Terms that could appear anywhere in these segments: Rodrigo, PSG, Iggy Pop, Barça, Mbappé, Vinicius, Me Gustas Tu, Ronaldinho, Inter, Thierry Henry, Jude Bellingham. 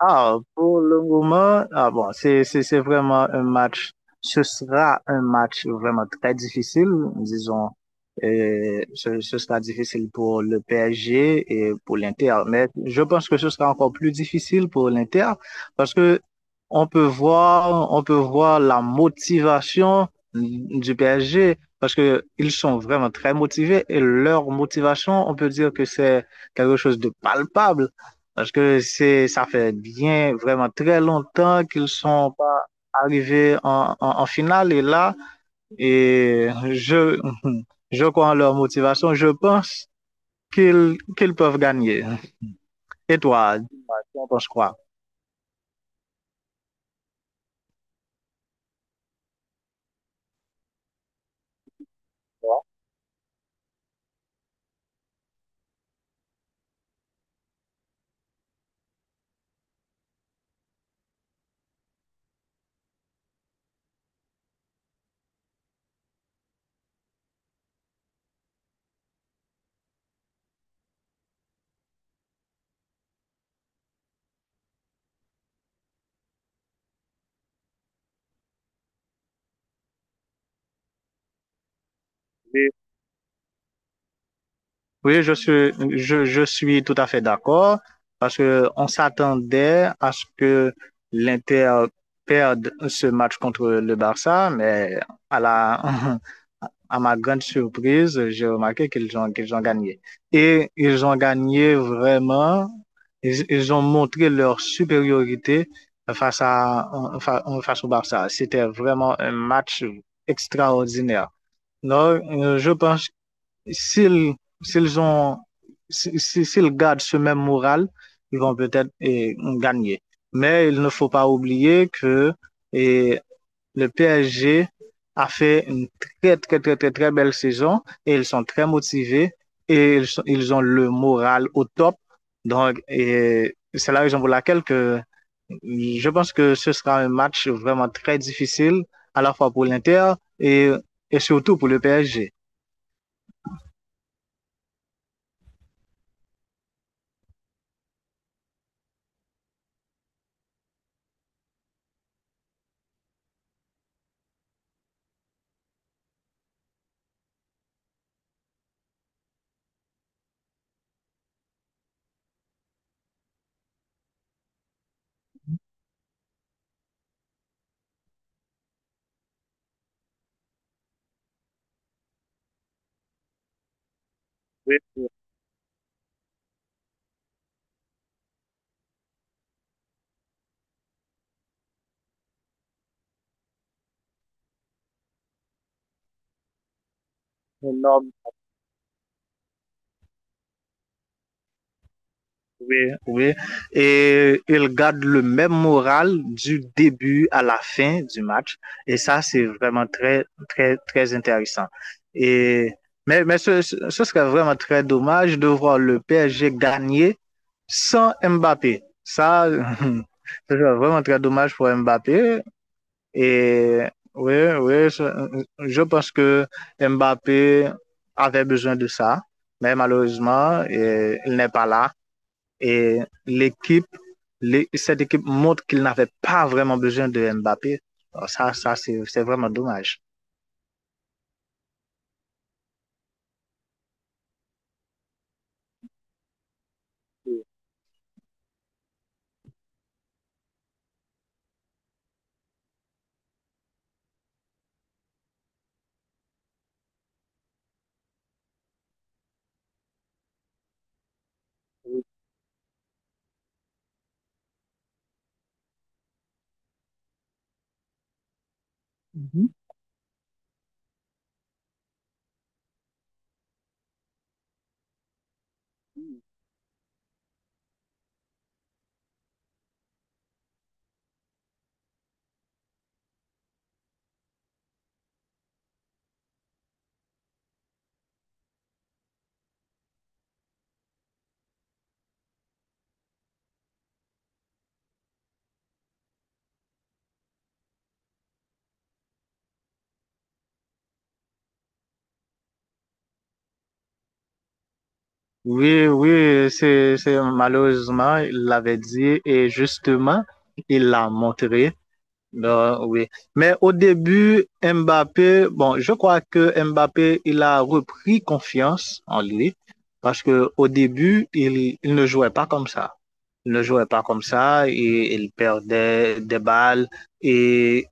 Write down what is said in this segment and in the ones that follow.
Ah, pour le moment, ah bon, c'est vraiment un match. Ce sera un match vraiment très difficile, disons. Ce sera difficile pour le PSG et pour l'Inter, mais je pense que ce sera encore plus difficile pour l'Inter parce que on peut voir la motivation du PSG parce que ils sont vraiment très motivés et leur motivation, on peut dire que c'est quelque chose de palpable. Parce que c'est, ça fait bien, vraiment très longtemps qu'ils sont pas arrivés en finale. Et là, et je, je crois en leur motivation. Je pense qu'ils peuvent gagner. Et toi, dis-moi, tu en penses quoi? Oui. Oui, je suis tout à fait d'accord parce que on s'attendait à ce que l'Inter perde ce match contre le Barça, mais à la, à ma grande surprise, j'ai remarqué qu'ils ont gagné. Et ils ont gagné vraiment, ils ont montré leur supériorité face à, face au Barça. C'était vraiment un match extraordinaire. Non, je pense s'ils s'ils ont s'ils gardent ce même moral, ils vont peut-être gagner. Mais il ne faut pas oublier que eh, le PSG a fait une très, très, très, très, très belle saison et ils sont très motivés et ils ont le moral au top. Donc, c'est la raison pour laquelle que je pense que ce sera un match vraiment très difficile, à la fois pour l'Inter et, et surtout pour le PSG. Oui, oui. Énorme. Oui, oui. Et il garde le même moral du début à la fin du match. Et ça, c'est vraiment très, très, très intéressant. Et, mais ce serait vraiment très dommage de voir le PSG gagner sans Mbappé. Ça, ce serait vraiment très dommage pour Mbappé. Et oui, oui, je pense que Mbappé avait besoin de ça. Mais malheureusement, il n'est pas là. Et l'équipe, cette équipe montre qu'il n'avait pas vraiment besoin de Mbappé. Alors ça, c'est vraiment dommage. Mhm. Oui, oui, c'est malheureusement, il l'avait dit et justement, il l'a montré. Non, oui. Mais au début, Mbappé, bon, je crois que Mbappé, il a repris confiance en lui parce que au début, il ne jouait pas comme ça. Il ne jouait pas comme ça et il perdait des balles et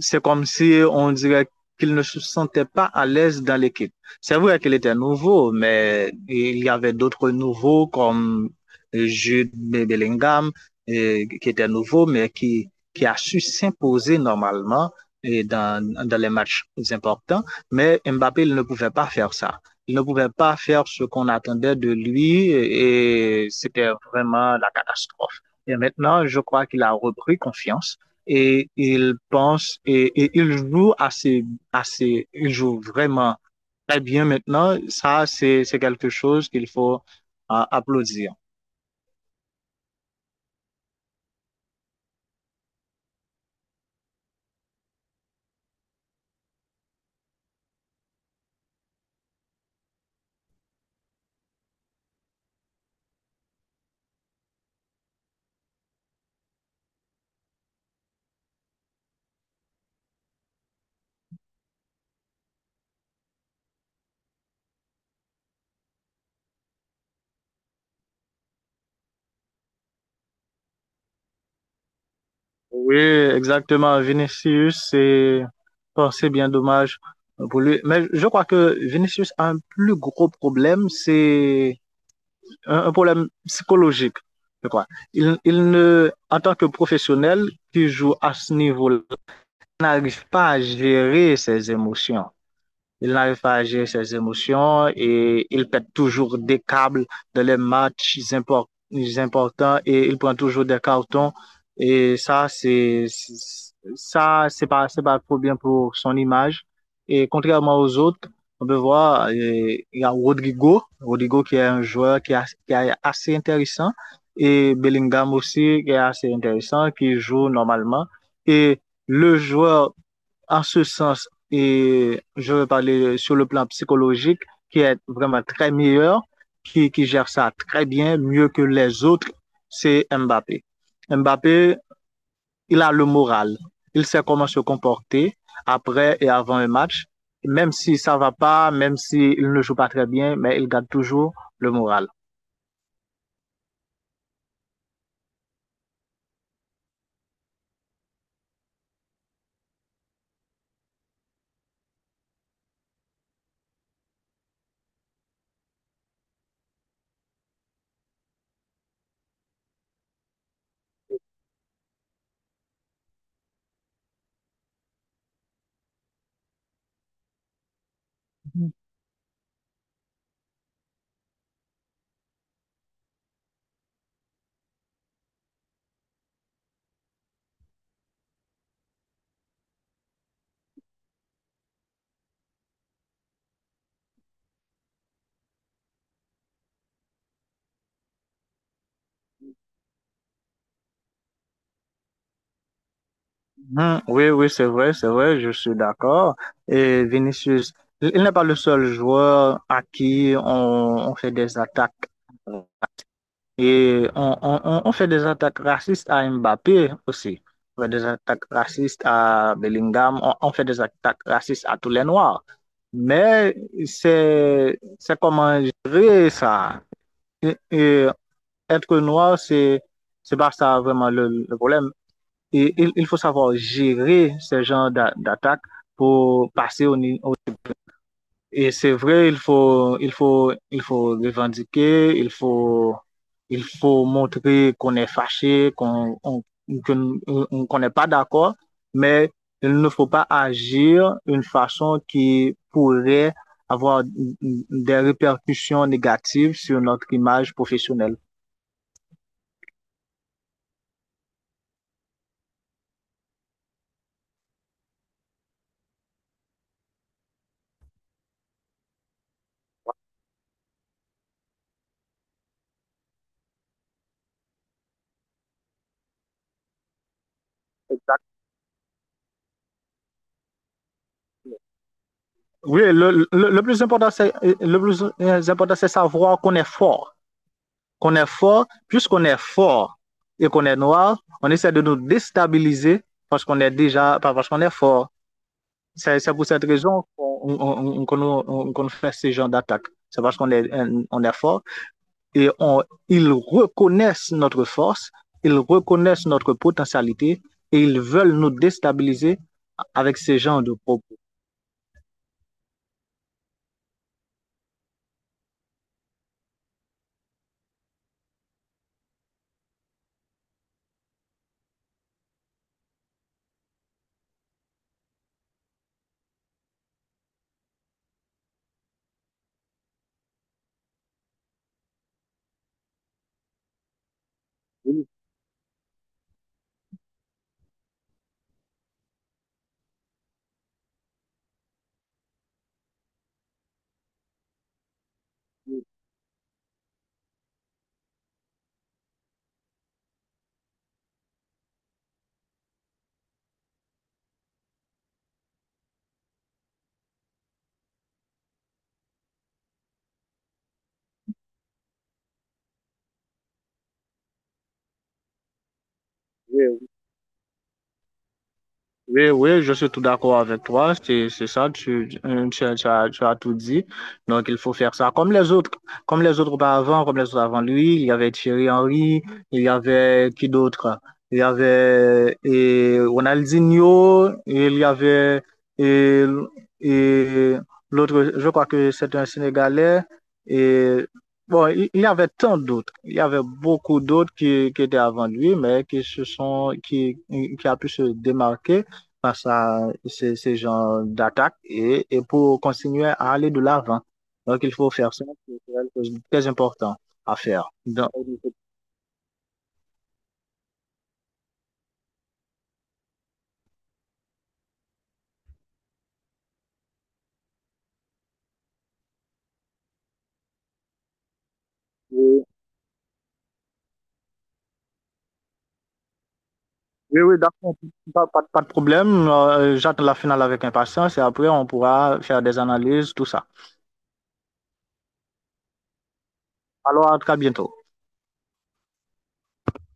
c'est comme si on dirait qu'il ne se sentait pas à l'aise dans l'équipe. C'est vrai qu'il était nouveau, mais il y avait d'autres nouveaux comme Jude Bellingham, qui était nouveau, mais qui a su s'imposer normalement et dans les matchs importants, mais Mbappé il ne pouvait pas faire ça. Il ne pouvait pas faire ce qu'on attendait de lui et c'était vraiment la catastrophe. Et maintenant, je crois qu'il a repris confiance et il pense il joue assez, assez, il joue vraiment très bien maintenant. Ça, c'est quelque chose qu'il faut applaudir. Oui, exactement. Vinicius, c'est bon, c'est bien dommage pour lui. Mais je crois que Vinicius a un plus gros problème, c'est un problème psychologique, je crois. Il ne, En tant que professionnel qui joue à ce niveau-là, il n'arrive pas à gérer ses émotions. Il n'arrive pas à gérer ses émotions et il pète toujours des câbles dans les importants et il prend toujours des cartons. Et ça, ça, c'est pas trop bien pour son image. Et contrairement aux autres, on peut voir, il y a Rodrigo, Rodrigo qui est un joueur qui est assez intéressant et Bellingham aussi qui est assez intéressant, qui joue normalement. Et le joueur en ce sens, et je vais parler sur le plan psychologique, qui est vraiment très meilleur, qui gère ça très bien, mieux que les autres, c'est Mbappé. Mbappé, il a le moral. Il sait comment se comporter après et avant un match. Même si ça va pas, même s'il ne joue pas très bien, mais il garde toujours le moral. Hmm, oui, oui, c'est vrai, je suis d'accord. Et Vinicius, il n'est pas le seul joueur à qui on fait des attaques. Et on fait des attaques racistes à Mbappé aussi. On fait des attaques racistes à Bellingham. On fait des attaques racistes à tous les Noirs. Mais c'est comment gérer ça. Et être noir, c'est pas ça vraiment le problème. Et il faut savoir gérer ce genre d'attaque pour passer au niveau. Et c'est vrai, il faut revendiquer, il faut montrer qu'on est fâché, qu'on n'est pas d'accord, mais il ne faut pas agir d'une façon qui pourrait avoir des répercussions négatives sur notre image professionnelle. Exact. Oui, le plus important, le plus important, c'est savoir qu'on est fort. Qu'on est fort, puisqu'on est fort et qu'on est noir, on essaie de nous déstabiliser parce qu'on est déjà, pas parce qu'on est fort. C'est pour cette raison qu'on fait ces genres d'attaques. C'est parce qu'on est, on est fort et ils reconnaissent notre force, ils reconnaissent notre potentialité et ils veulent nous déstabiliser avec ces genres de propos. Oui, oui. Oui, oui, je suis tout d'accord avec toi. C'est ça, tu as tout dit. Donc, il faut faire ça comme les autres avant, comme les autres avant lui. Il y avait Thierry Henry, il y avait qui d'autre? Il y avait et Ronaldinho, il y avait et, et l'autre, je crois que c'est un Sénégalais. Et bon, il y avait tant d'autres. Il y avait beaucoup d'autres qui étaient avant lui, mais qui a pu se démarquer par ça, ces genres d'attaques et pour continuer à aller de l'avant. Donc, il faut faire ça, c'est quelque chose de très important à faire. Donc, oui, oui, d'accord, pas de problème. J'attends la finale avec impatience et après, on pourra faire des analyses, tout ça. Alors, à très bientôt.